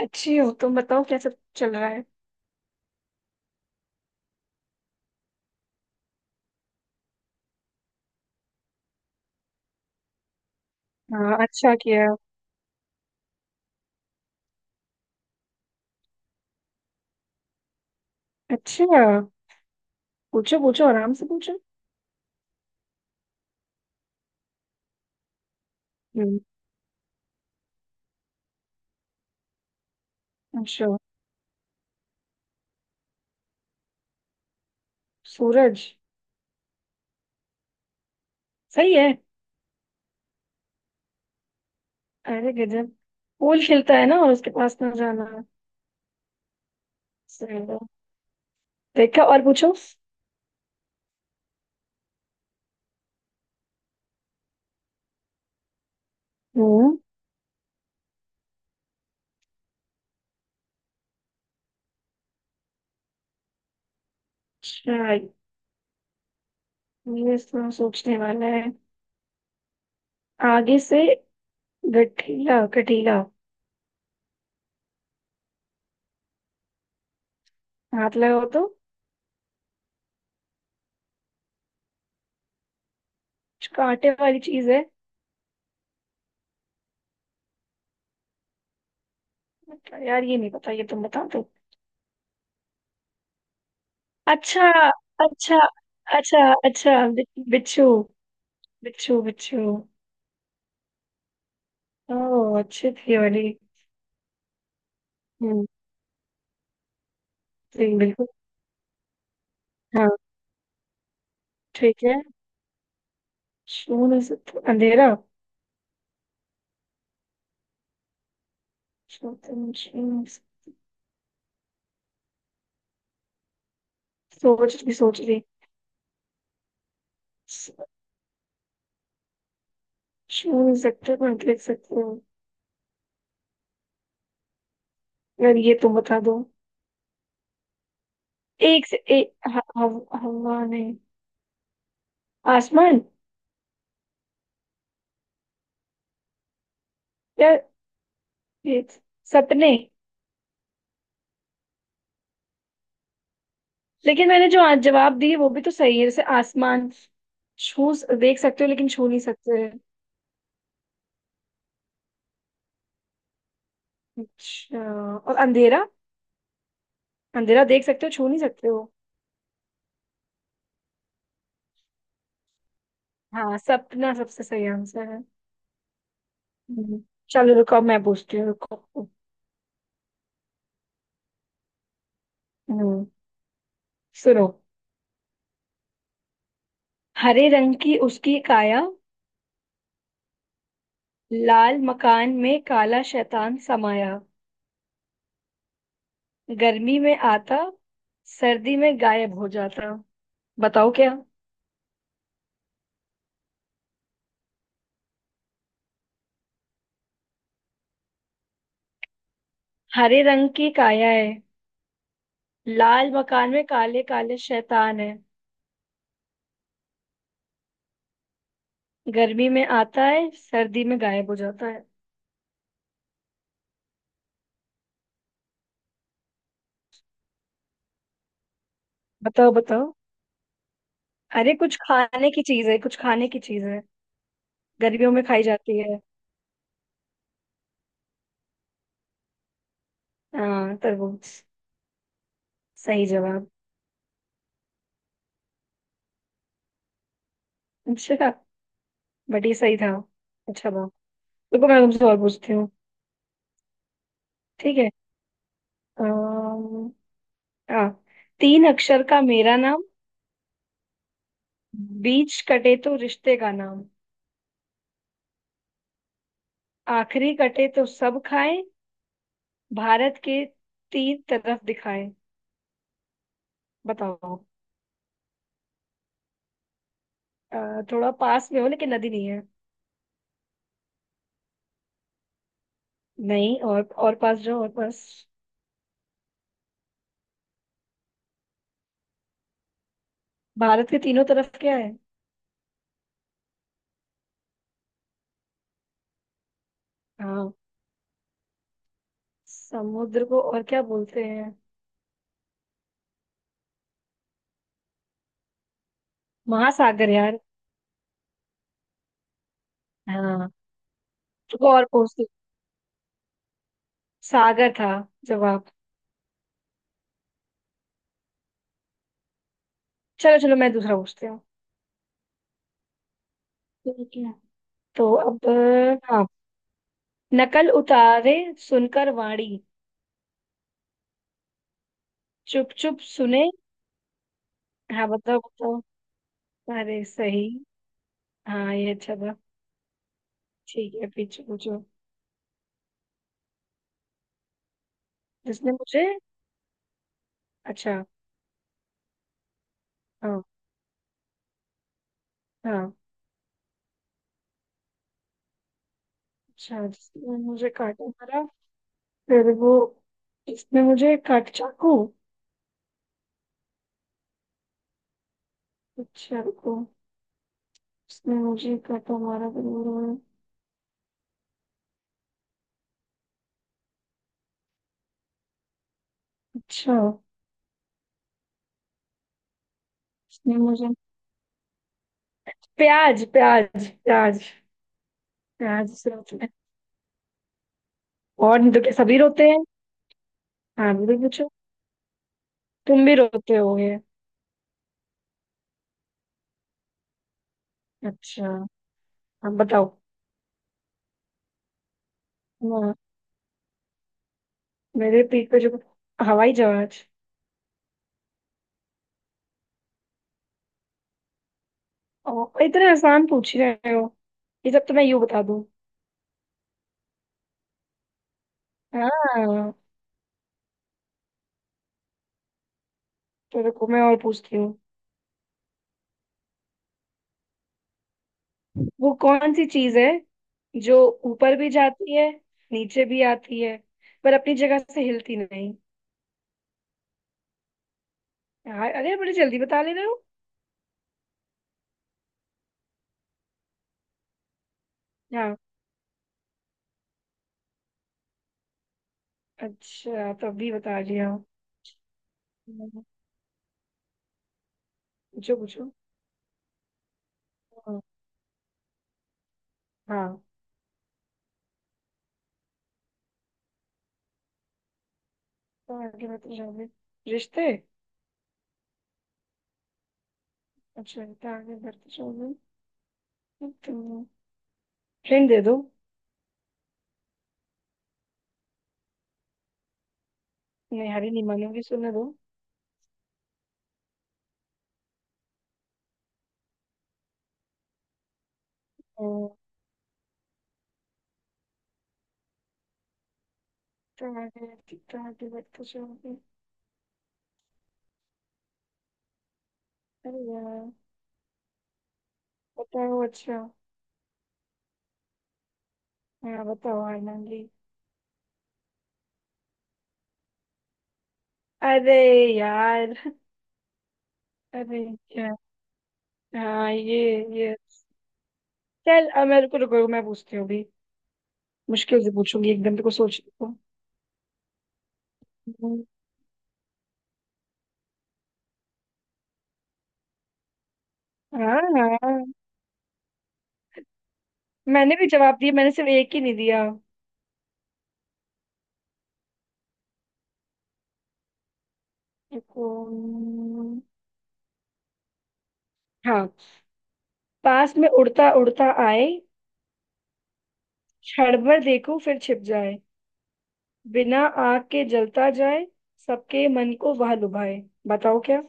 अच्छी हो। तुम बताओ कैसा चल रहा है। हाँ, अच्छा किया। अच्छा, पूछो पूछो आराम से पूछो। हम्म। अच्छा। सूरज। सही है। अरे गजब। पूल खिलता है ना और उसके पास ना जाना। सही है। देखा? और पूछो। हम्म। अच्छा, ये सोचने वाला है। आगे से गठीला गठीला। हाथ लगाओ तो कुछ कांटे वाली चीज है। यार, ये नहीं पता, ये तुम बता दो। अच्छा। अच्छा। अच्छा। अच्छा बिच्छू। बिच्छू बिच्छू। ओह, अच्छी थी वाली। हम्म। ठीक, बिल्कुल। हाँ। ठीक है, शून्य से तो अंधेरा। शून्य शून्य से- सोच रही सोच रही। शून्य सकते हो, देख सकते हो। अगर ये तुम बता दो। एक से एक हवा? नहीं। आसमान? या ये सपने। लेकिन मैंने जो आज जवाब दिए वो भी तो सही है। जैसे आसमान, छू देख सकते हो लेकिन छू नहीं सकते। अच्छा। और अंधेरा। अंधेरा देख सकते हो, छू नहीं सकते हो। हाँ, सपना सबसे सही आंसर है। हम्म, चलो रुको, अब मैं पूछती हूँ, रुको। हम्म, सुनो। हरे रंग की उसकी काया। लाल मकान में काला शैतान समाया। गर्मी में आता, सर्दी में गायब हो जाता। बताओ क्या। हरे रंग की काया है। लाल मकान में काले काले शैतान है। गर्मी में आता है, सर्दी में गायब हो जाता है। बताओ बताओ। अरे कुछ खाने की चीज है, कुछ खाने की चीज है। गर्मियों में खाई जाती है। हाँ, तरबूज। सही जवाब। अच्छा। बट ये सही था। अच्छा, वाह। देखो, मैं तुमसे और पूछती हूँ। ठीक है। अम्म, हाँ। तीन अक्षर का मेरा नाम। बीच कटे तो रिश्ते का नाम। आखिरी कटे तो सब खाएं। भारत के तीन तरफ दिखाएं। बताओ। अ, थोड़ा पास में हो लेकिन नदी नहीं है। नहीं, और और पास जाओ, और पास। भारत के तीनों तरफ क्या है? हाँ। समुद्र को और क्या बोलते हैं? महासागर यार। हाँ, रुको और पूछती। सागर था जवाब। चलो चलो, मैं दूसरा पूछती हूँ। ठीक है। तो अब हाँ, नकल उतारे, सुनकर वाणी, चुप चुप सुने। हाँ, बताओ बताओ। अरे, सही। हाँ, ये अच्छा था। ठीक है, पीछे पूछो। जिसने मुझे। अच्छा। हाँ। हाँ। अच्छा, जिसने मुझे काटा मारा, फिर वो। इसने मुझे काट, चाकू। अच्छा रुको। इसने मुझे काटा मारा फिर वो रोया। अच्छा। इसने मुझे, प्याज प्याज प्याज। प्याज से रोते हैं। और नहीं तो क्या, सभी रोते हैं। हाँ बिल्कुल, पूछो। तुम भी रोते होगे। अच्छा, अब बताओ। हाँ, मेरे पीठ पे जो, हवाई जहाज। ओ, इतने आसान पूछ रहे हो। ये सब तो मैं यूं बता दूं। हाँ। तो रुको, मैं और पूछती हूँ। वो कौन सी चीज है जो ऊपर भी जाती है, नीचे भी आती है, पर अपनी जगह से हिलती नहीं। यार, अरे बड़ी जल्दी बता ले रहे हो। हाँ, अच्छा तो अभी बता रही हूँ। पूछो पूछो। हाँ। हाँ, तो आगे बढ़ते जाओगे, रिश्ते। अच्छा, तो आगे बढ़ते जाओगे तो फ्रेंड दे दो। नहीं, हरी नहीं मानूंगी, सुनने दो। हाँ, तो आगे, तो आगे बढ़ते जाओगे। अरे यार। बताओ अच्छा। हाँ, बताओ, हार मान ली। अरे यार। अरे यार। हाँ, ये चल, अब मेरे को रुको, मैं पूछती हूँ अभी। मुश्किल से पूछूंगी, एकदम तेरे को सोच को। हम्म, हाँ। हाँ, मैंने भी जवाब दिया, मैंने सिर्फ एक ही नहीं दिया। रुको। हाँ। पास में उड़ता उड़ता आए, क्षण भर देखूं फिर छिप जाए, बिना आग के जलता जाए, सबके मन को वह लुभाए, बताओ क्या।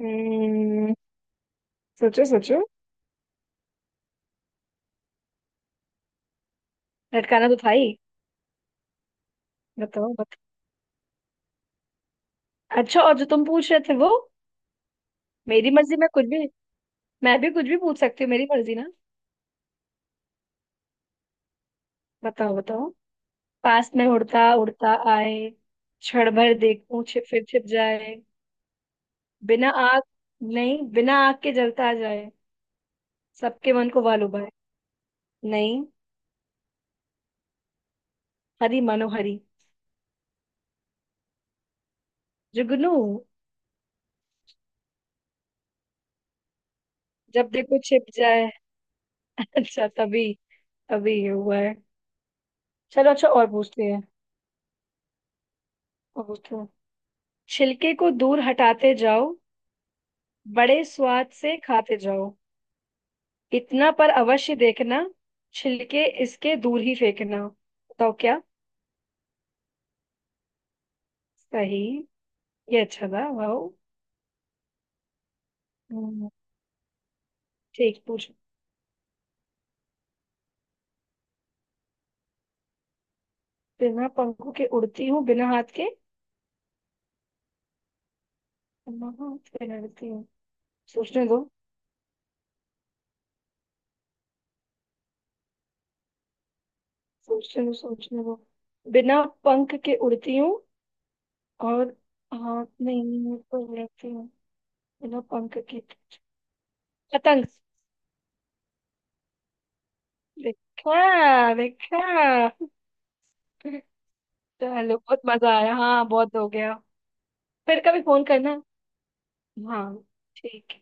हम्म। सोचो सोचो। लटकाना तो था ही। बताओ। अच्छा, और जो तुम पूछ रहे थे वो? मेरी मर्जी, मैं कुछ भी, मैं भी कुछ भी पूछ सकती हूँ, मेरी मर्जी ना। बताओ बताओ। पास में उड़ता उड़ता आए, क्षण भर देखूं छिप, फिर छिप जाए, बिना आग, नहीं बिना आग के जलता जाए, सबके मन को वालुभाए। नहीं, हरी मनोहरी, जुगनू। जब देखो छिप जाए। अच्छा, तभी, तभी ये हुआ है। चलो, अच्छा और पूछते हैं, और पूछते हैं। छिलके को दूर हटाते जाओ, बड़े स्वाद से खाते जाओ, इतना पर अवश्य देखना, छिलके इसके दूर ही फेंकना। बताओ क्या। सही। ये अच्छा था, वाओ। हम्म, ठीक, पूछो। बिना पंखों के उड़ती हूँ, बिना हाथ के, बिना हाथ के लड़ती हूँ। सोचने दो, सोचने दो, सोचने दो। बिना पंख के उड़ती हूँ, और हाथ नहीं पर लड़ती हूँ। बिना पंख के, पतंग। देखा, देखा। चलो, बहुत मजा आया, हाँ बहुत हो गया। फिर कभी फोन करना। हाँ। ठीक है।